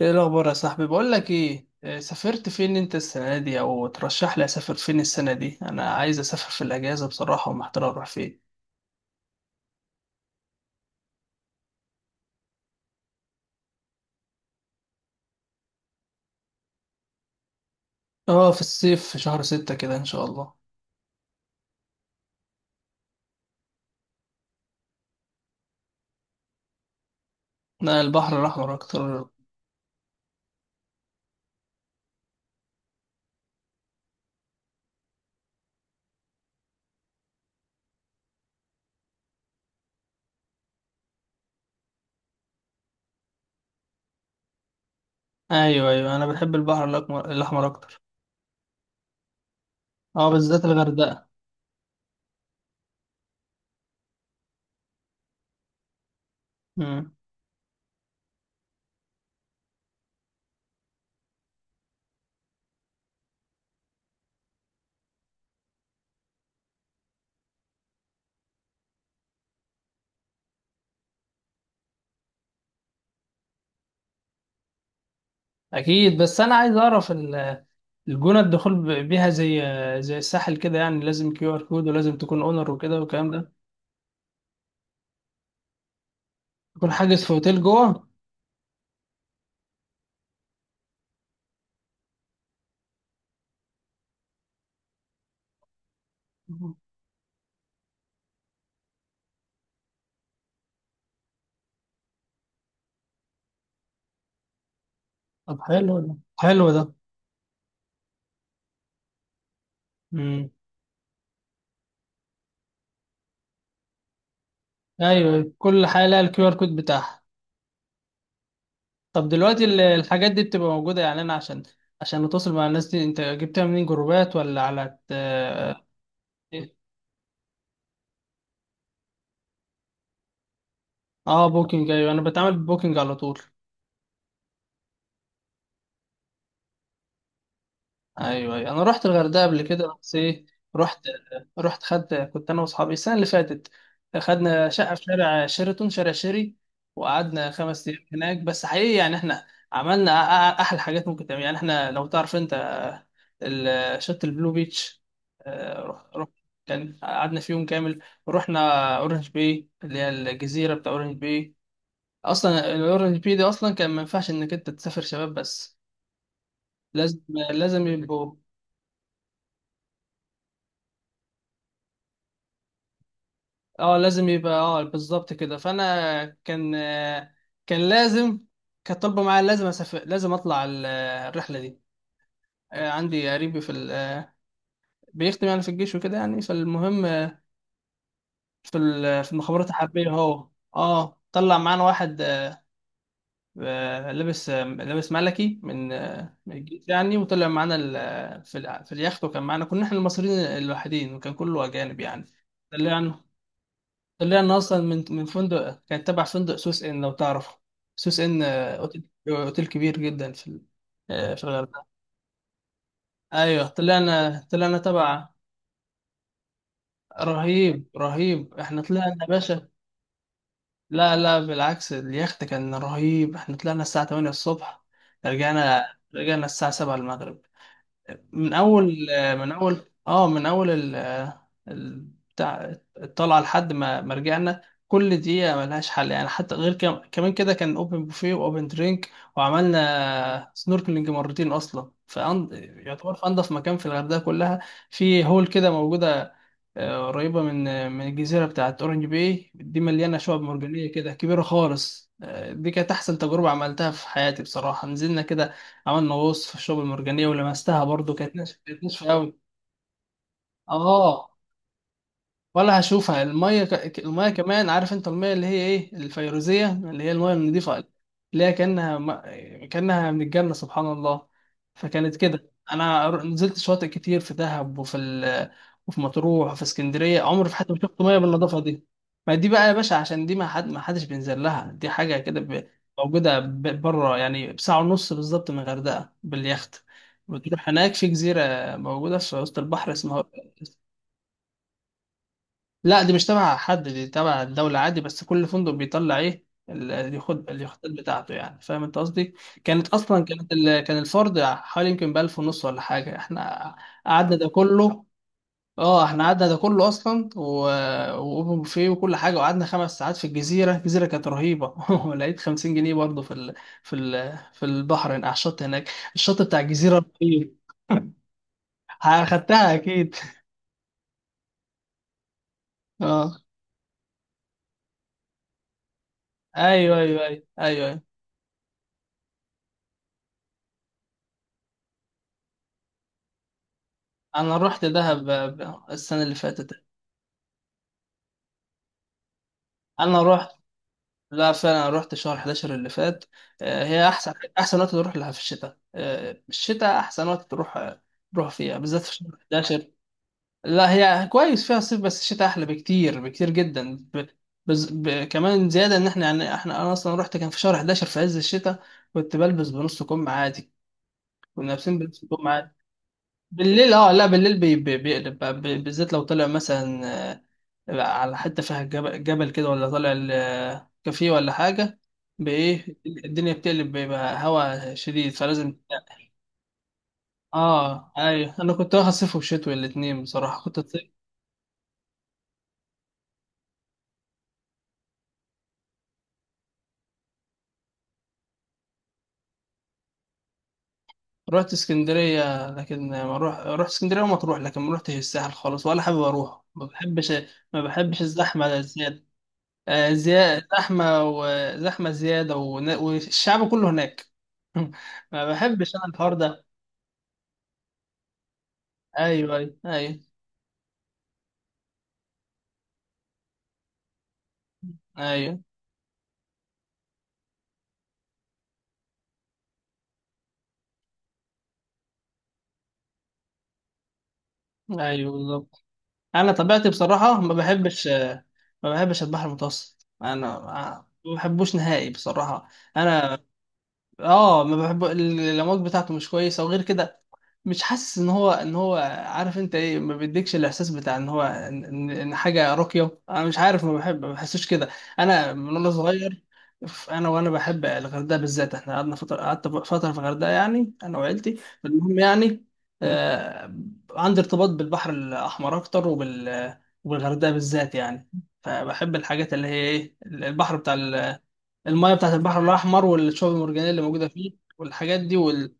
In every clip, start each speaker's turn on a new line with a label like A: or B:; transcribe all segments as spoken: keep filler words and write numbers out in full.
A: ايه الاخبار يا صاحبي؟ بقول لك ايه، آه، سافرت فين انت السنه دي؟ او ترشح لي اسافر فين السنه دي. انا عايز اسافر في الاجازه بصراحه، ومحتار اروح فين. اه، في الصيف، في شهر ستة كده ان شاء الله. لا، البحر الاحمر اكتر. ايوه ايوه، انا بحب البحر الاحمر الأحمر اكتر. اه، بالذات الغردقه. امم. اكيد، بس انا عايز اعرف ال- الجونه الدخول ب- بيها زي زي الساحل كده، يعني لازم كيو ار كود، ولازم تكون اونر وكده والكلام ده. تكون حاجز في اوتيل جوه؟ مم. طب حلو ده، حلو ده. امم. ايوه، كل حاجه لها الكيو ار كود بتاعها. طب دلوقتي ال- الحاجات دي بتبقى موجوده، يعني انا عشان عشان اتواصل مع الناس دي، انت جبتها منين؟ جروبات ولا على ت- اه بوكينج. ايوه انا بتعامل ببوكينج على طول. ايوه ايوه، انا رحت الغردقه قبل كده، بس ايه، رحت رحت، خدت، كنت انا واصحابي السنه اللي فاتت. خدنا شقه في شارع شيراتون، شارع شيري، وقعدنا خمس ايام هناك. بس حقيقي يعني احنا عملنا أ- أ- احلى حاجات ممكن تعمل. يعني احنا، لو تعرف انت ال- شط البلو بيتش، آه، رح رح كان، قعدنا في يوم كامل، ورحنا اورنج باي، اللي هي الجزيره بتاع اورنج باي. اصلا الاورنج باي دي اصلا كان ما ينفعش انك انت تسافر شباب بس، لازم لازم يبقوا اه، لازم يبقى اه، بالظبط كده. فانا كان، آه، كان لازم، كانت طالبه معايا لازم اسافر، لازم اطلع ال- آه، الرحله دي. آه، عندي قريبي في ال- آه، بيخدم يعني في الجيش وكده، يعني فالمهم آه، في ال- آه، في المخابرات الحربيه هو. اه، طلع معانا واحد آه، آه، لابس، آه، لابس ملكي من آه، من الجيش يعني، وطلع معانا ال- آه، في ال- في اليخت. وكان معانا، كنا احنا المصريين الوحيدين، وكان كله اجانب يعني. طلعنا، اللي انا اصلا من من فندق، كان تبع فندق سوس ان لو تعرفه، سوس ان، آه، اوتيل أوتيل كبير جدا في ال- آه، في الغردقه. ايوه، طلعنا طلعنا تبع. رهيب رهيب، احنا طلعنا يا باشا. لا لا، بالعكس، اليخت كان رهيب. احنا طلعنا الساعه تمانية الصبح، رجعنا رجعنا الساعه السابعة المغرب. من اول من اول اه من اول ال ال- بتاع الطلعه، لحد ما ما رجعنا. كل دقيقه ملهاش حل يعني. حتى غير، كم كمان كده، كان اوبن بوفيه واوبن درينك. وعملنا سنوركلينج مرتين اصلا في أن... يعتبر في انضف مكان في الغردقه كلها. في هول كده موجوده، آه، قريبة من، من الجزيرة بتاعت أورنج باي، دي مليانة شعب مرجانية كده كبيرة خالص. آه، دي كانت أحسن تجربة عملتها في حياتي بصراحة. نزلنا كده، عملنا غوص في الشعب المرجانية ولمستها برضو، كانت ناشفة، كانت ناشفة أوي. آه، ولا هشوفها. الميه ك... الميه كمان، عارف انت الميه اللي هي ايه، الفيروزيه، اللي هي الميه النظيفه، اللي هي كانها ما... كانها من الجنه، سبحان الله. فكانت كده. انا ر- نزلت شواطئ كتير في دهب، وفي ال... وفي مطروح وفي اسكندريه، عمري في حياتي ما شفت ميه بالنظافه دي. ما دي بقى يا باشا، عشان دي، ما حد ما حدش بينزل لها. دي حاجه كده ب... موجوده ب... بره يعني، بساعه ونص بالظبط من الغردقه باليخت. بتروح هناك في جزيره موجوده في وسط البحر اسمها، لا دي مش تبع حد، دي تبع الدولة عادي. بس كل فندق بيطلع ايه ال- اللي ياخد اليخوتات بتاعته، يعني فاهم انت قصدي. كانت اصلا، كانت ال... كان الفرد حوالي يمكن بألف ونص ولا حاجة. احنا قعدنا ده كله. اه، احنا قعدنا ده كله اصلا، و... واوبن بوفيه وكل حاجة. وقعدنا خمس ساعات في الجزيرة. الجزيرة كانت رهيبة. ولقيت خمسين جنيه برضه في ال... في ال... في البحر هناك، على الشط هناك. الشط بتاع الجزيرة رهيب. اخدتها اكيد. اه، ايوه ايوه ايوه ايوه، انا رحت دهب ب- السنه اللي فاتت. انا رحت، لا فعلا، أنا رحت شهر حداشر اللي فات. آه، هي احسن، احسن وقت تروح لها في الشتاء. آه، الشتاء احسن وقت تروح، تروح فيها بالذات في شهر حداشر. لا هي كويس فيها صيف، بس الشتاء احلى بكتير، بكتير جدا ب... بز... ب... كمان زياده ان احنا يعني، احنا انا اصلا رحت كان في شهر حداشر في عز الشتاء، كنت بلبس بنص كم عادي، كنا لابسين بنص كم عادي. بالليل اه، لا بالليل بي... بي... بيقلب بقى، ب- بالذات لو طلع مثلا، آه، بقى على حتة فيها جبل, جبل, كده، ولا طالع ال- كافيه ولا حاجة، بإيه الدنيا بتقلب، بيبقى هوا شديد، فلازم تنقل. اه ايوه، انا كنت واخد صيف وشتوي الاتنين بصراحة، كنت صيف. رحت اسكندرية، لكن ما روح رحت اسكندرية وما تروح لكن ما روحتش الساحل خالص، ولا حابب اروح، ما بحبش. ما بحبش الزحمة زيادة، آه زيادة زحمة، وزحمة زيادة، ون- والشعب كله هناك. ما بحبش انا الحوار ده. ايوه ايوه ايوه ايوه، ايوه بالظبط. انا طبيعتي بصراحه ما بحبش، ما بحبش البحر المتوسط انا، ما بحبوش نهائي بصراحه انا. اه، ما بحب ال- الامواج بتاعته مش كويسه، وغير كده مش حاسس ان هو، ان هو عارف انت ايه، ما بيديكش الاحساس بتاع ان هو، ان, إن إن حاجه راقيه. انا مش عارف، ما بحب، ما بحسوش كده، انا من وانا صغير. ف- انا وانا بحب الغردقه بالذات. احنا قعدنا فتره قعدت فتره في الغردقه يعني، انا وعيلتي. المهم يعني، آه، عندي ارتباط بالبحر الاحمر اكتر، وبال، وبالغردقه بالذات يعني. فبحب الحاجات اللي هي ايه، البحر بتاع، المايه بتاعت البحر الاحمر، والشعب المرجانيه اللي موجوده فيه، والحاجات دي وال،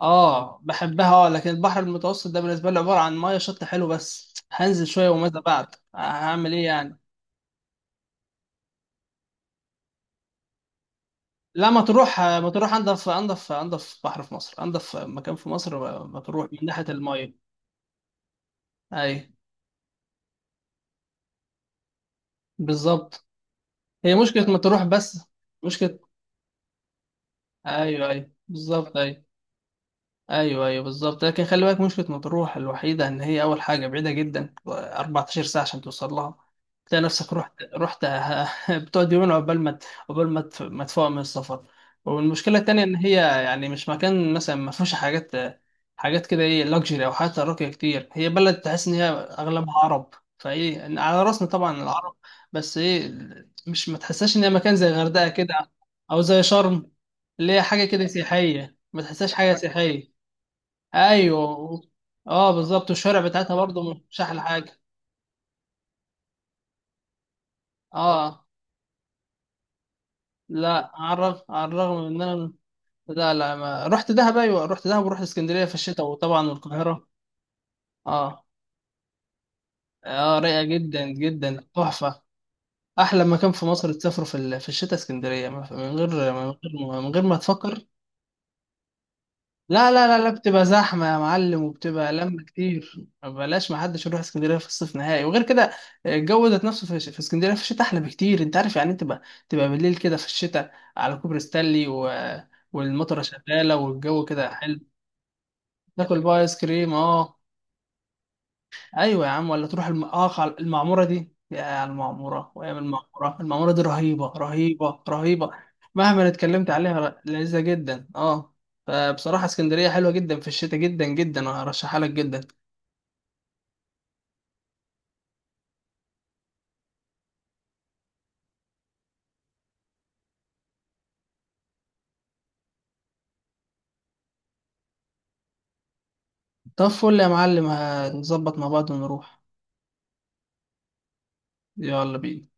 A: اه بحبها اه. لكن البحر المتوسط ده بالنسبه لي عباره عن مايه، شط حلو بس، هنزل شويه وماذا بعد، هعمل ايه يعني؟ لا، ما تروح، ما تروح انضف، انضف انضف بحر في مصر، انضف مكان في مصر ما تروح من ناحيه المايه. اي، بالظبط. هي مشكله، ما تروح بس. مشكله، ايوه ايوه بالظبط، ايوه، ايوه ايوه بالظبط. لكن خلي بالك، مشكله مطروح الوحيده ان هي، اول حاجه، بعيده جدا، اربعة عشر ساعة ساعه عشان توصل لها. تلاقي نفسك رحت، رحت، بتقعد يومين عقبال ما ت- عقبال ما تف- ما تفوق من السفر. والمشكله التانيه ان هي يعني، مش مكان مثلا، ما فيهوش حاجات، حاجات كده ايه، لوكسجري، او حتى راقيه كتير. هي بلد تحس ان هي اغلبها عرب، فايه، إن على راسنا طبعا العرب، بس ايه، مش، ما تحسهاش ان هي مكان زي الغردقه كده، او زي شرم، اللي هي حاجه كده سياحيه، ما تحسهاش حاجه سياحيه. ايوه. اه بالظبط، الشوارع بتاعتها برضه مش احلى حاجه. اه، لا على الرغم، على الرغم من ان انا، لا لا، ما رحت دهب، ايوه رحت دهب، ورحت اسكندريه في الشتاء، وطبعا القاهره. اه اه رايقه جدا جدا، تحفه. احلى مكان في مصر تسافره في ال- في الشتاء اسكندريه، ما- من غير من غير من غير ما تفكر. لا لا لا لا، بتبقى زحمة يا معلم، وبتبقى لم كتير، بلاش ما حدش يروح اسكندرية في الصيف نهائي. وغير كده الجو ذات نفسه في، في اسكندرية في الشتاء أحلى بكتير. أنت عارف يعني إيه تبقى، تبقى بالليل كده في الشتاء على كوبري ستانلي، و... والمطرة شغالة، والجو كده حلو، تاكل بقى آيس كريم، أه، ايوه يا عم. ولا تروح الم... اه خل- المعموره دي، يا المعموره، وايام المعموره المعموره دي رهيبه رهيبه رهيبه، مهما اتكلمت عليها، لذيذه جدا اه. فبصراحه اسكندريه حلوه جدا في الشتاء، جدا جدا، وهرشحها لك جدا. طب فل يا معلم، هنظبط مع بعض ونروح. يلا بينا.